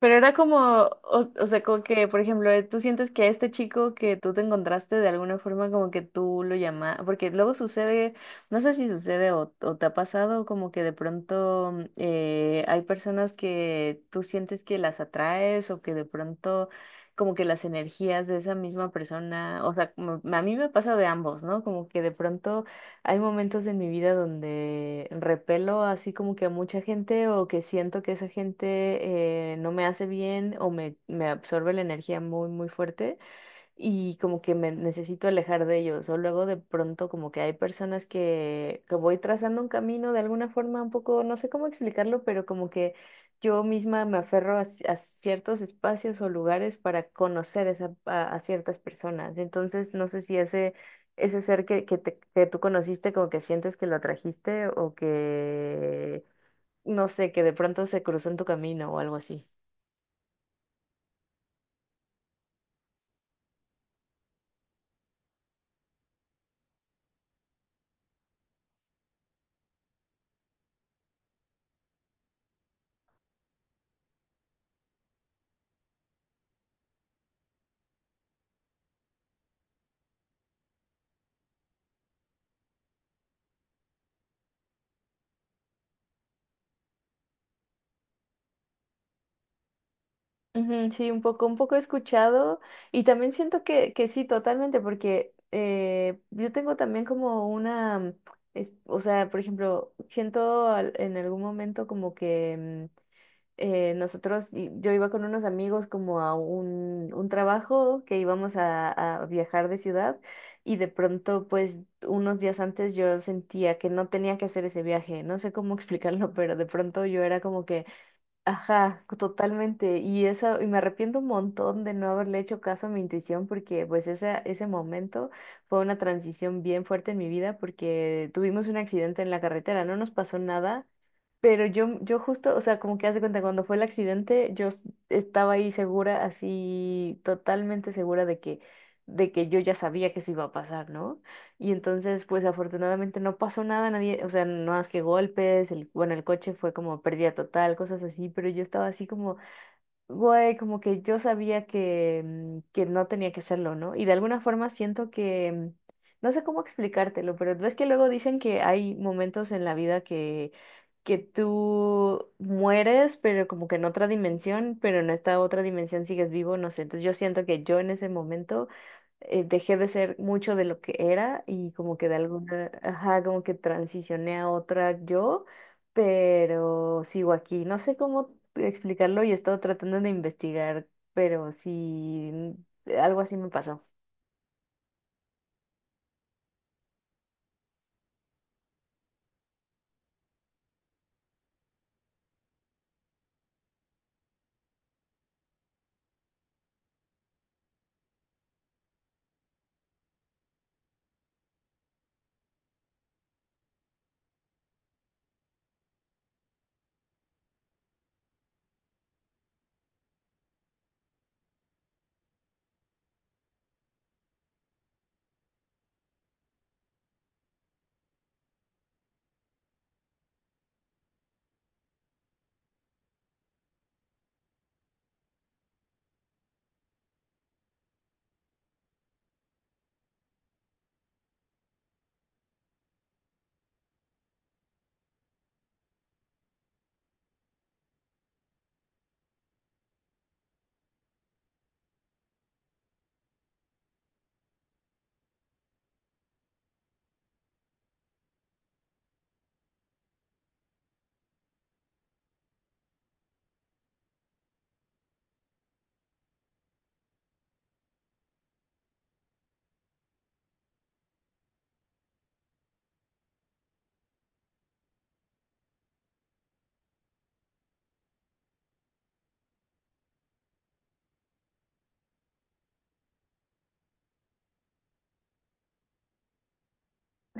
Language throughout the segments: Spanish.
Pero era como, o sea, como que, por ejemplo, tú sientes que a este chico que tú te encontraste de alguna forma como que tú lo llamas, porque luego sucede, no sé si sucede o te ha pasado como que de pronto hay personas que tú sientes que las atraes o que de pronto como que las energías de esa misma persona, o sea, como a mí me pasa de ambos, ¿no? Como que de pronto hay momentos en mi vida donde repelo así como que a mucha gente o que siento que esa gente no me hace bien o me absorbe la energía muy, muy fuerte y como que me necesito alejar de ellos. O luego de pronto como que hay personas que voy trazando un camino de alguna forma un poco, no sé cómo explicarlo, pero como que yo misma me aferro a, a ciertos espacios o lugares para conocer esa a ciertas personas. Entonces, no sé si ese, ese ser que, que tú conociste como que sientes que lo atrajiste o que, no sé, que de pronto se cruzó en tu camino o algo así. Ujú, sí, un poco he escuchado y también siento que sí, totalmente, porque yo tengo también como una, o sea, por ejemplo, siento en algún momento como que nosotros, yo iba con unos amigos como a un trabajo que íbamos a viajar de ciudad y de pronto, pues, unos días antes yo sentía que no tenía que hacer ese viaje, no sé cómo explicarlo, pero de pronto yo era como que ajá, totalmente. Y eso, y me arrepiento un montón de no haberle hecho caso a mi intuición porque pues ese momento fue una transición bien fuerte en mi vida porque tuvimos un accidente en la carretera, no nos pasó nada, pero yo justo, o sea, como que haz de cuenta, cuando fue el accidente, estaba ahí segura, así totalmente segura de que yo ya sabía que eso iba a pasar, ¿no? Y entonces, pues afortunadamente no pasó nada, nadie, o sea, no más que golpes, el, bueno, el coche fue como pérdida total, cosas así, pero yo estaba así como, güey, como que yo sabía que, que no tenía que hacerlo, ¿no? Y de alguna forma siento que, no sé cómo explicártelo, pero ves que luego dicen que hay momentos en la vida que tú mueres, pero como que en otra dimensión, pero en esta otra dimensión sigues vivo, no sé, entonces yo siento que yo en ese momento dejé de ser mucho de lo que era y como que de alguna, ajá, como que transicioné a otra yo, pero sigo aquí. No sé cómo explicarlo y he estado tratando de investigar, pero sí, algo así me pasó.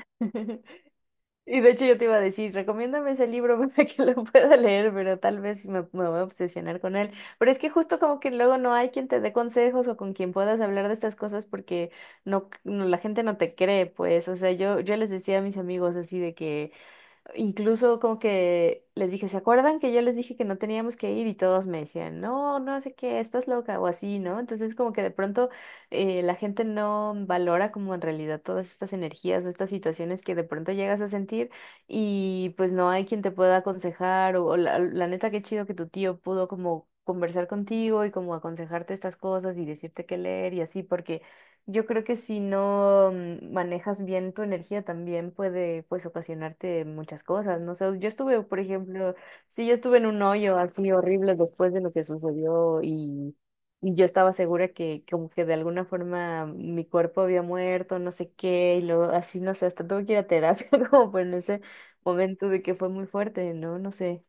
Y de hecho yo te iba a decir, recomiéndame ese libro para que lo pueda leer, pero tal vez sí me voy a obsesionar con él. Pero es que justo como que luego no hay quien te dé consejos o con quien puedas hablar de estas cosas porque no, la gente no te cree, pues. O sea, yo les decía a mis amigos así de que incluso como que les dije, ¿se acuerdan que yo les dije que no teníamos que ir? Y todos me decían, no, no sé qué, estás loca o así, ¿no? Entonces como que de pronto la gente no valora como en realidad todas estas energías o estas situaciones que de pronto llegas a sentir y pues no hay quien te pueda aconsejar o la neta qué chido que tu tío pudo como conversar contigo y como aconsejarte estas cosas y decirte qué leer y así, porque yo creo que si no manejas bien tu energía también puede pues ocasionarte muchas cosas, ¿no? Sé, yo estuve, por ejemplo, sí, yo estuve en un hoyo así horrible después de lo que sucedió y yo estaba segura que como que de alguna forma mi cuerpo había muerto, no sé qué, y luego así, no sé, hasta tuve que ir a terapia como por en ese momento de que fue muy fuerte, ¿no? No sé.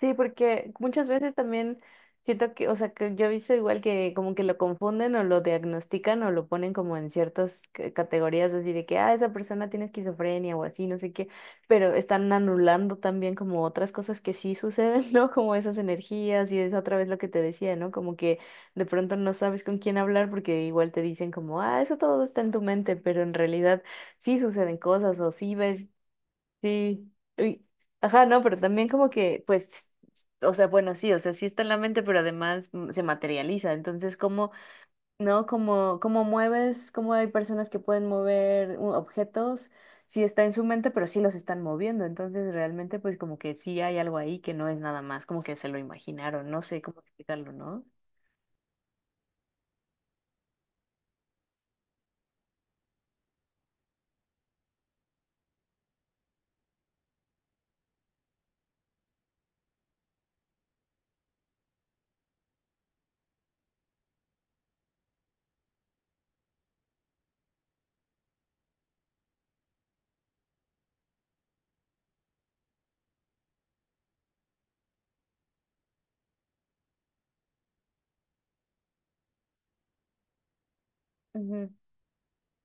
Sí, porque muchas veces también siento que, o sea, que yo he visto igual que como que lo confunden o lo diagnostican o lo ponen como en ciertas categorías así de que, ah, esa persona tiene esquizofrenia o así, no sé qué, pero están anulando también como otras cosas que sí suceden, ¿no? Como esas energías y es otra vez lo que te decía, ¿no? Como que de pronto no sabes con quién hablar porque igual te dicen como, ah, eso todo está en tu mente, pero en realidad sí suceden cosas o sí ves sí, uy, ajá, no, pero también como que, pues, o sea, bueno, sí, o sea, sí está en la mente, pero además se materializa. Entonces, ¿cómo, no? ¿Cómo, cómo mueves? ¿Cómo hay personas que pueden mover objetos? Sí está en su mente, pero sí los están moviendo. Entonces, realmente, pues, como que sí hay algo ahí que no es nada más, como que se lo imaginaron, no sé cómo explicarlo, no.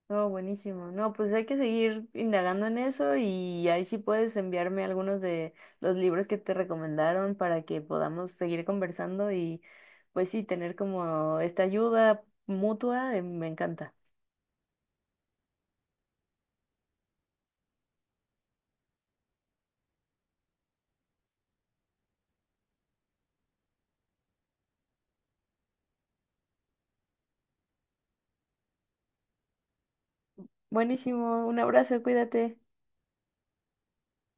No, buenísimo. No, pues hay que seguir indagando en eso y ahí sí puedes enviarme algunos de los libros que te recomendaron para que podamos seguir conversando y pues sí, tener como esta ayuda mutua, me encanta. Buenísimo, un abrazo, cuídate.